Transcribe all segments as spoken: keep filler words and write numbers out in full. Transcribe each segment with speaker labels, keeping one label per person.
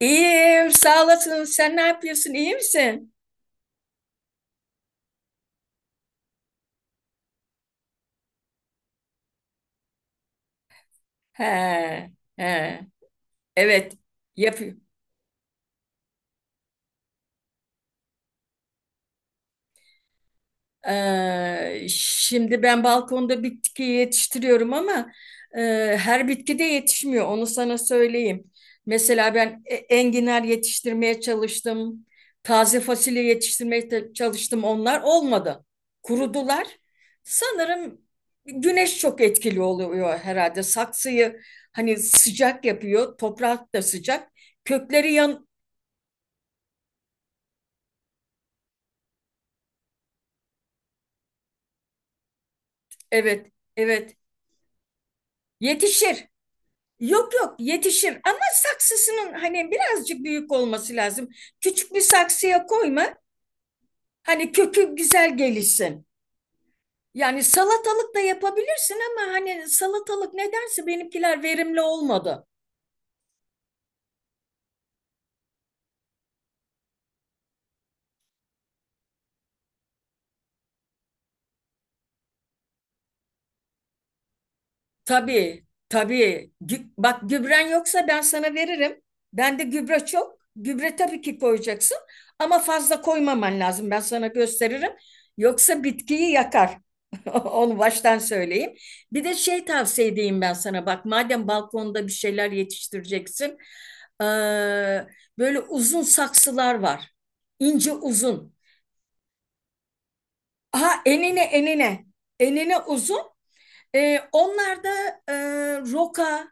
Speaker 1: İyiyim, sağ olasın. Sen ne yapıyorsun? İyi misin? He, he. Evet, yap. Ee, şimdi ben balkonda bitki yetiştiriyorum ama e, her bitki de yetişmiyor. Onu sana söyleyeyim. Mesela ben e- enginar yetiştirmeye çalıştım. Taze fasulye yetiştirmeye te- çalıştım. Onlar olmadı. Kurudular. Sanırım güneş çok etkili oluyor herhalde. Saksıyı hani sıcak yapıyor. Toprak da sıcak. Kökleri yan... Evet, evet. Yetişir. Yok yok, yetişir ama saksısının hani birazcık büyük olması lazım. Küçük bir saksıya koyma. Hani kökü güzel gelişsin. Yani salatalık da yapabilirsin ama hani salatalık nedense benimkiler verimli olmadı. Tabii, tabii. Gü- bak, gübren yoksa ben sana veririm. Bende gübre çok. Gübre tabii ki koyacaksın ama fazla koymaman lazım. Ben sana gösteririm. Yoksa bitkiyi yakar. Onu baştan söyleyeyim. Bir de şey tavsiye edeyim ben sana. Bak, madem balkonda bir şeyler yetiştireceksin. eee, Böyle uzun saksılar var. İnce uzun. Aha, enine enine. Enine uzun. Ee, onlar da e, roka,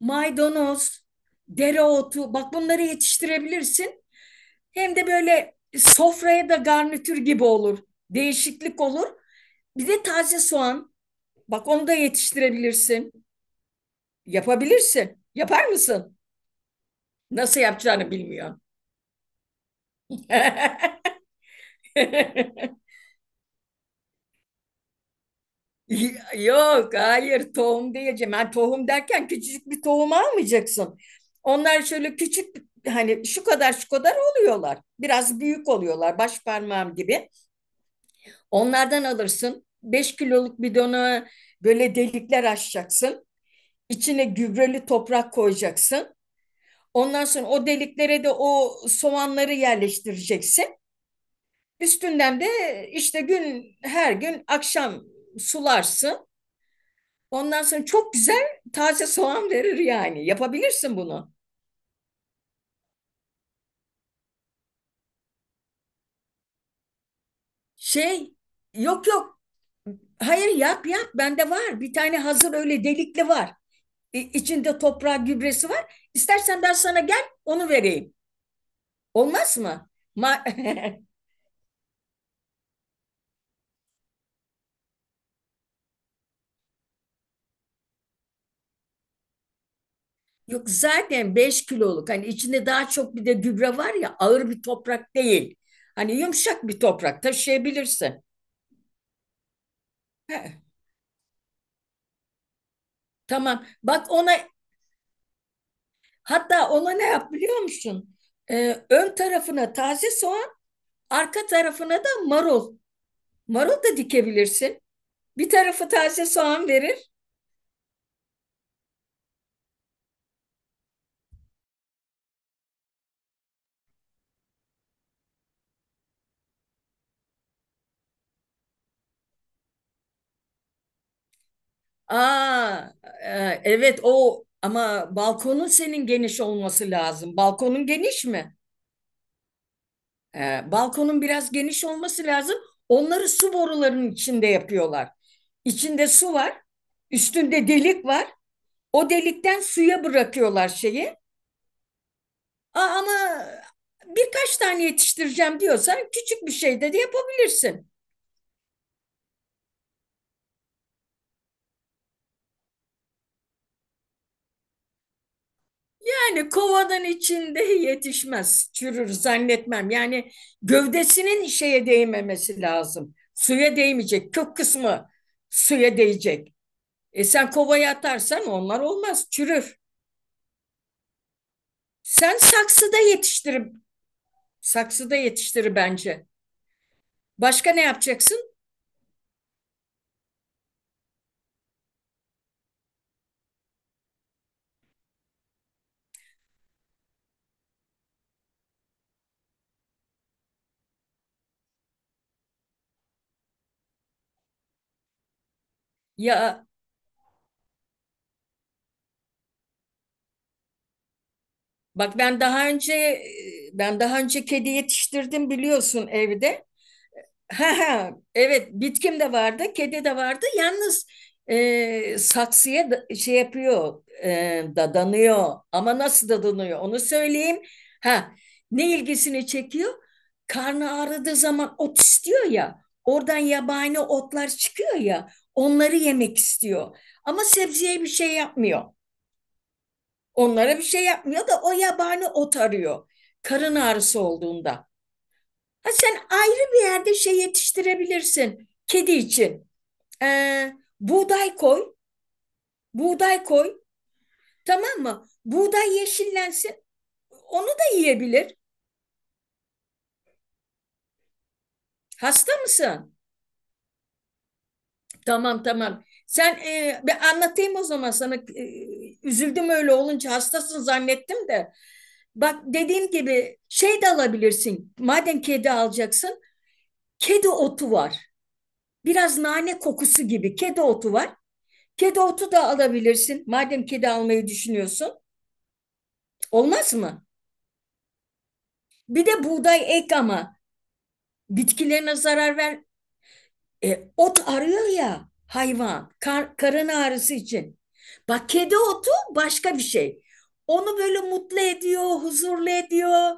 Speaker 1: maydanoz, dereotu, bak bunları yetiştirebilirsin. Hem de böyle sofraya da garnitür gibi olur. Değişiklik olur. Bir de taze soğan. Bak, onu da yetiştirebilirsin. Yapabilirsin. Yapar mısın? Nasıl yapacağını bilmiyorum. Yok, hayır, tohum diyeceğim. Ben tohum derken küçücük bir tohum almayacaksın. Onlar şöyle küçük, hani şu kadar şu kadar oluyorlar. Biraz büyük oluyorlar, baş parmağım gibi. Onlardan alırsın. Beş kiloluk bidona böyle delikler açacaksın. İçine gübreli toprak koyacaksın. Ondan sonra o deliklere de o soğanları yerleştireceksin. Üstünden de işte gün her gün akşam sularsın. Ondan sonra çok güzel taze soğan verir yani. Yapabilirsin bunu. Şey, yok yok. Hayır, yap yap, bende var. Bir tane hazır öyle delikli var. İ- İçinde toprağı, gübresi var. İstersen ben sana gel, onu vereyim. Olmaz mı? Ma Yok zaten, beş kiloluk, hani içinde daha çok bir de gübre var ya, ağır bir toprak değil. Hani yumuşak bir toprak, taşıyabilirsin. He, tamam. Bak ona, hatta ona ne yap biliyor musun? Ee, ön tarafına taze soğan, arka tarafına da marul. Marul da dikebilirsin. Bir tarafı taze soğan verir. Aa, e, evet, o ama balkonun senin geniş olması lazım. Balkonun geniş mi? Ee, balkonun biraz geniş olması lazım. Onları su borularının içinde yapıyorlar. İçinde su var, üstünde delik var. O delikten suya bırakıyorlar şeyi. A- ama birkaç tane yetiştireceğim diyorsan küçük bir şey de de yapabilirsin. Yani kovanın içinde yetişmez, çürür zannetmem. Yani gövdesinin şeye değmemesi lazım. Suya değmeyecek, kök kısmı suya değecek. E sen kovaya atarsan onlar olmaz, çürür. Sen saksıda yetiştirip saksıda yetiştir bence. Başka ne yapacaksın? Ya bak, ben daha önce ben daha önce kedi yetiştirdim biliyorsun evde. Ha, ha, evet, bitkim de vardı, kedi de vardı. Yalnız e, saksıya da- şey yapıyor, e, dadanıyor. Ama nasıl dadanıyor onu söyleyeyim. Ha, ne ilgisini çekiyor? Karnı ağrıdığı zaman ot istiyor ya. Oradan yabani otlar çıkıyor ya. Onları yemek istiyor. Ama sebzeye bir şey yapmıyor. Onlara bir şey yapmıyor da o yabani ot arıyor. Karın ağrısı olduğunda. Ha, sen ayrı bir yerde şey yetiştirebilirsin kedi için. Ee, Buğday koy, buğday koy. Tamam mı? Buğday yeşillensin. Onu da yiyebilir. Hasta mısın? Tamam, tamam. Sen, e, ben anlatayım o zaman sana. E, üzüldüm öyle olunca hastasın zannettim de. Bak, dediğim gibi şey de alabilirsin. Madem kedi alacaksın, kedi otu var. Biraz nane kokusu gibi kedi otu var. Kedi otu da alabilirsin. Madem kedi almayı düşünüyorsun. Olmaz mı? Bir de buğday ek ama bitkilerine zarar ver. E, ot arıyor ya hayvan. Kar, karın ağrısı için. Bak, kedi otu başka bir şey. Onu böyle mutlu ediyor, huzurlu ediyor.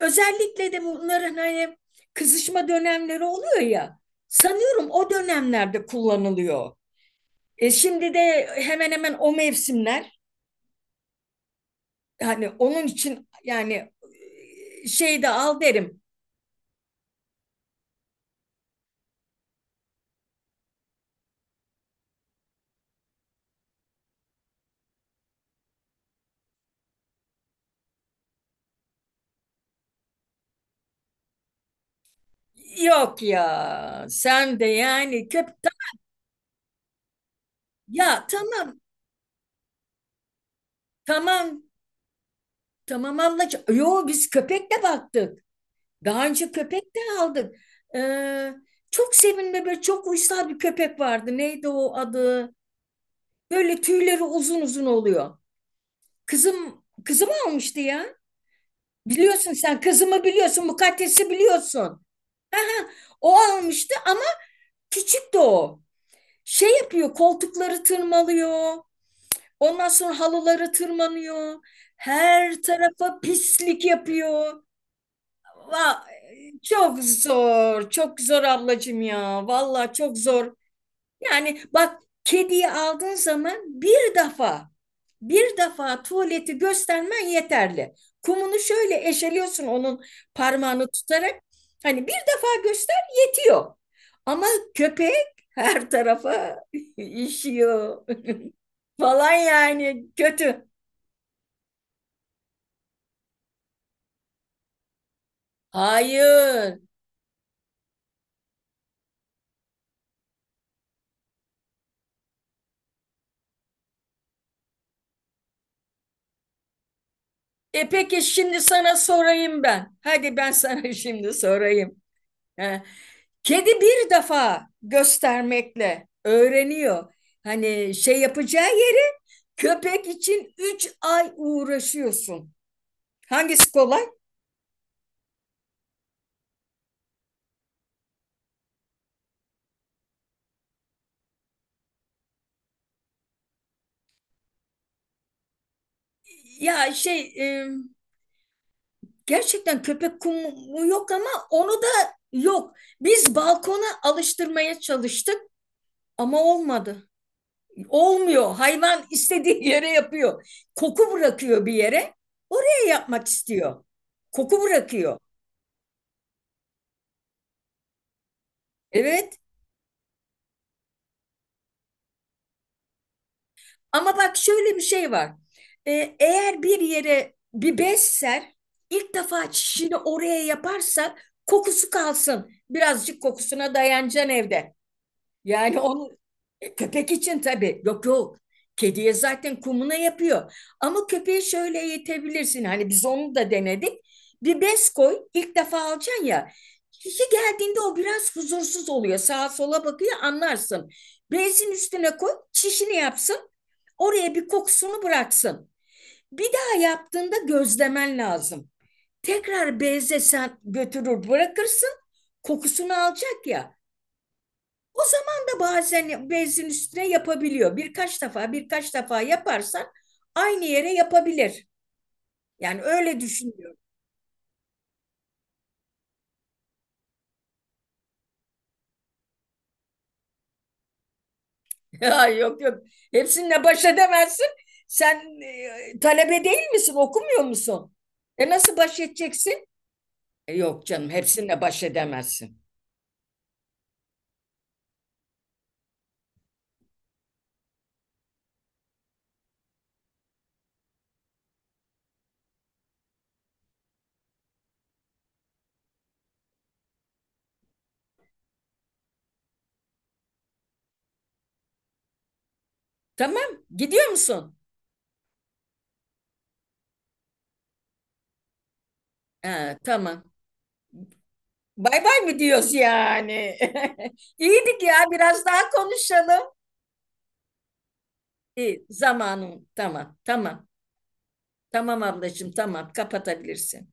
Speaker 1: Özellikle de bunların hani kızışma dönemleri oluyor ya. Sanıyorum o dönemlerde kullanılıyor. E şimdi de hemen hemen o mevsimler. Hani onun için yani, e, şey de al derim. Yok ya, sen de yani köp ya tamam, tamam, tamam ablacığım. Yo, biz köpekle baktık. Daha önce köpek de aldık. Ee, Çok sevimli, böyle çok uysal bir köpek vardı. Neydi o adı? Böyle tüyleri uzun uzun oluyor. Kızım kızım almıştı ya. Biliyorsun sen, kızımı biliyorsun, Mukaddes'i biliyorsun. Aha, o almıştı ama küçüktü o. Şey yapıyor, koltukları tırmalıyor. Ondan sonra halıları tırmanıyor. Her tarafa pislik yapıyor. Va- Çok zor, çok zor ablacığım ya. Vallahi çok zor. Yani bak, kediyi aldığın zaman bir defa, bir defa tuvaleti göstermen yeterli. Kumunu şöyle eşeliyorsun onun, parmağını tutarak. Hani bir defa göster, yetiyor. Ama köpek her tarafa işiyor falan, yani kötü. Hayır. E peki, şimdi sana sorayım ben. Hadi ben sana şimdi sorayım. Heh. Kedi bir defa göstermekle öğreniyor. Hani şey yapacağı yeri, köpek için üç ay uğraşıyorsun. Hangisi kolay? Ya şey, e, gerçekten köpek kumu yok ama onu da yok. Biz balkona alıştırmaya çalıştık ama olmadı. Olmuyor. Hayvan istediği yere yapıyor. Koku bırakıyor bir yere. Oraya yapmak istiyor. Koku bırakıyor. Evet. Ama bak, şöyle bir şey var. Ee, eğer bir yere bir bez ser, ilk defa çişini oraya yaparsa kokusu kalsın. Birazcık kokusuna dayanacaksın evde. Yani onu, e, köpek için tabii. Yok yok. Kediye zaten kumuna yapıyor. Ama köpeği şöyle eğitebilirsin. Hani biz onu da denedik. Bir bez koy. İlk defa alacaksın ya. Kişi geldiğinde o biraz huzursuz oluyor. Sağa sola bakıyor, anlarsın. Bezin üstüne koy. Çişini yapsın. Oraya bir kokusunu bıraksın. Bir daha yaptığında gözlemen lazım. Tekrar beze sen götürür bırakırsın. Kokusunu alacak ya. O zaman da bazen bezin üstüne yapabiliyor. Birkaç defa, birkaç defa yaparsan aynı yere yapabilir. Yani öyle düşünüyorum. Ya yok yok. Hepsinle baş edemezsin. Sen, e, talebe değil misin? Okumuyor musun? E nasıl baş edeceksin? E, yok canım, hepsinle baş edemezsin. Tamam, gidiyor musun? Ha, tamam. Bay bay mı diyoruz yani? İyiydik ya, biraz daha konuşalım. İyi, zamanım. Tamam, tamam. Tamam ablacığım, tamam, kapatabilirsin.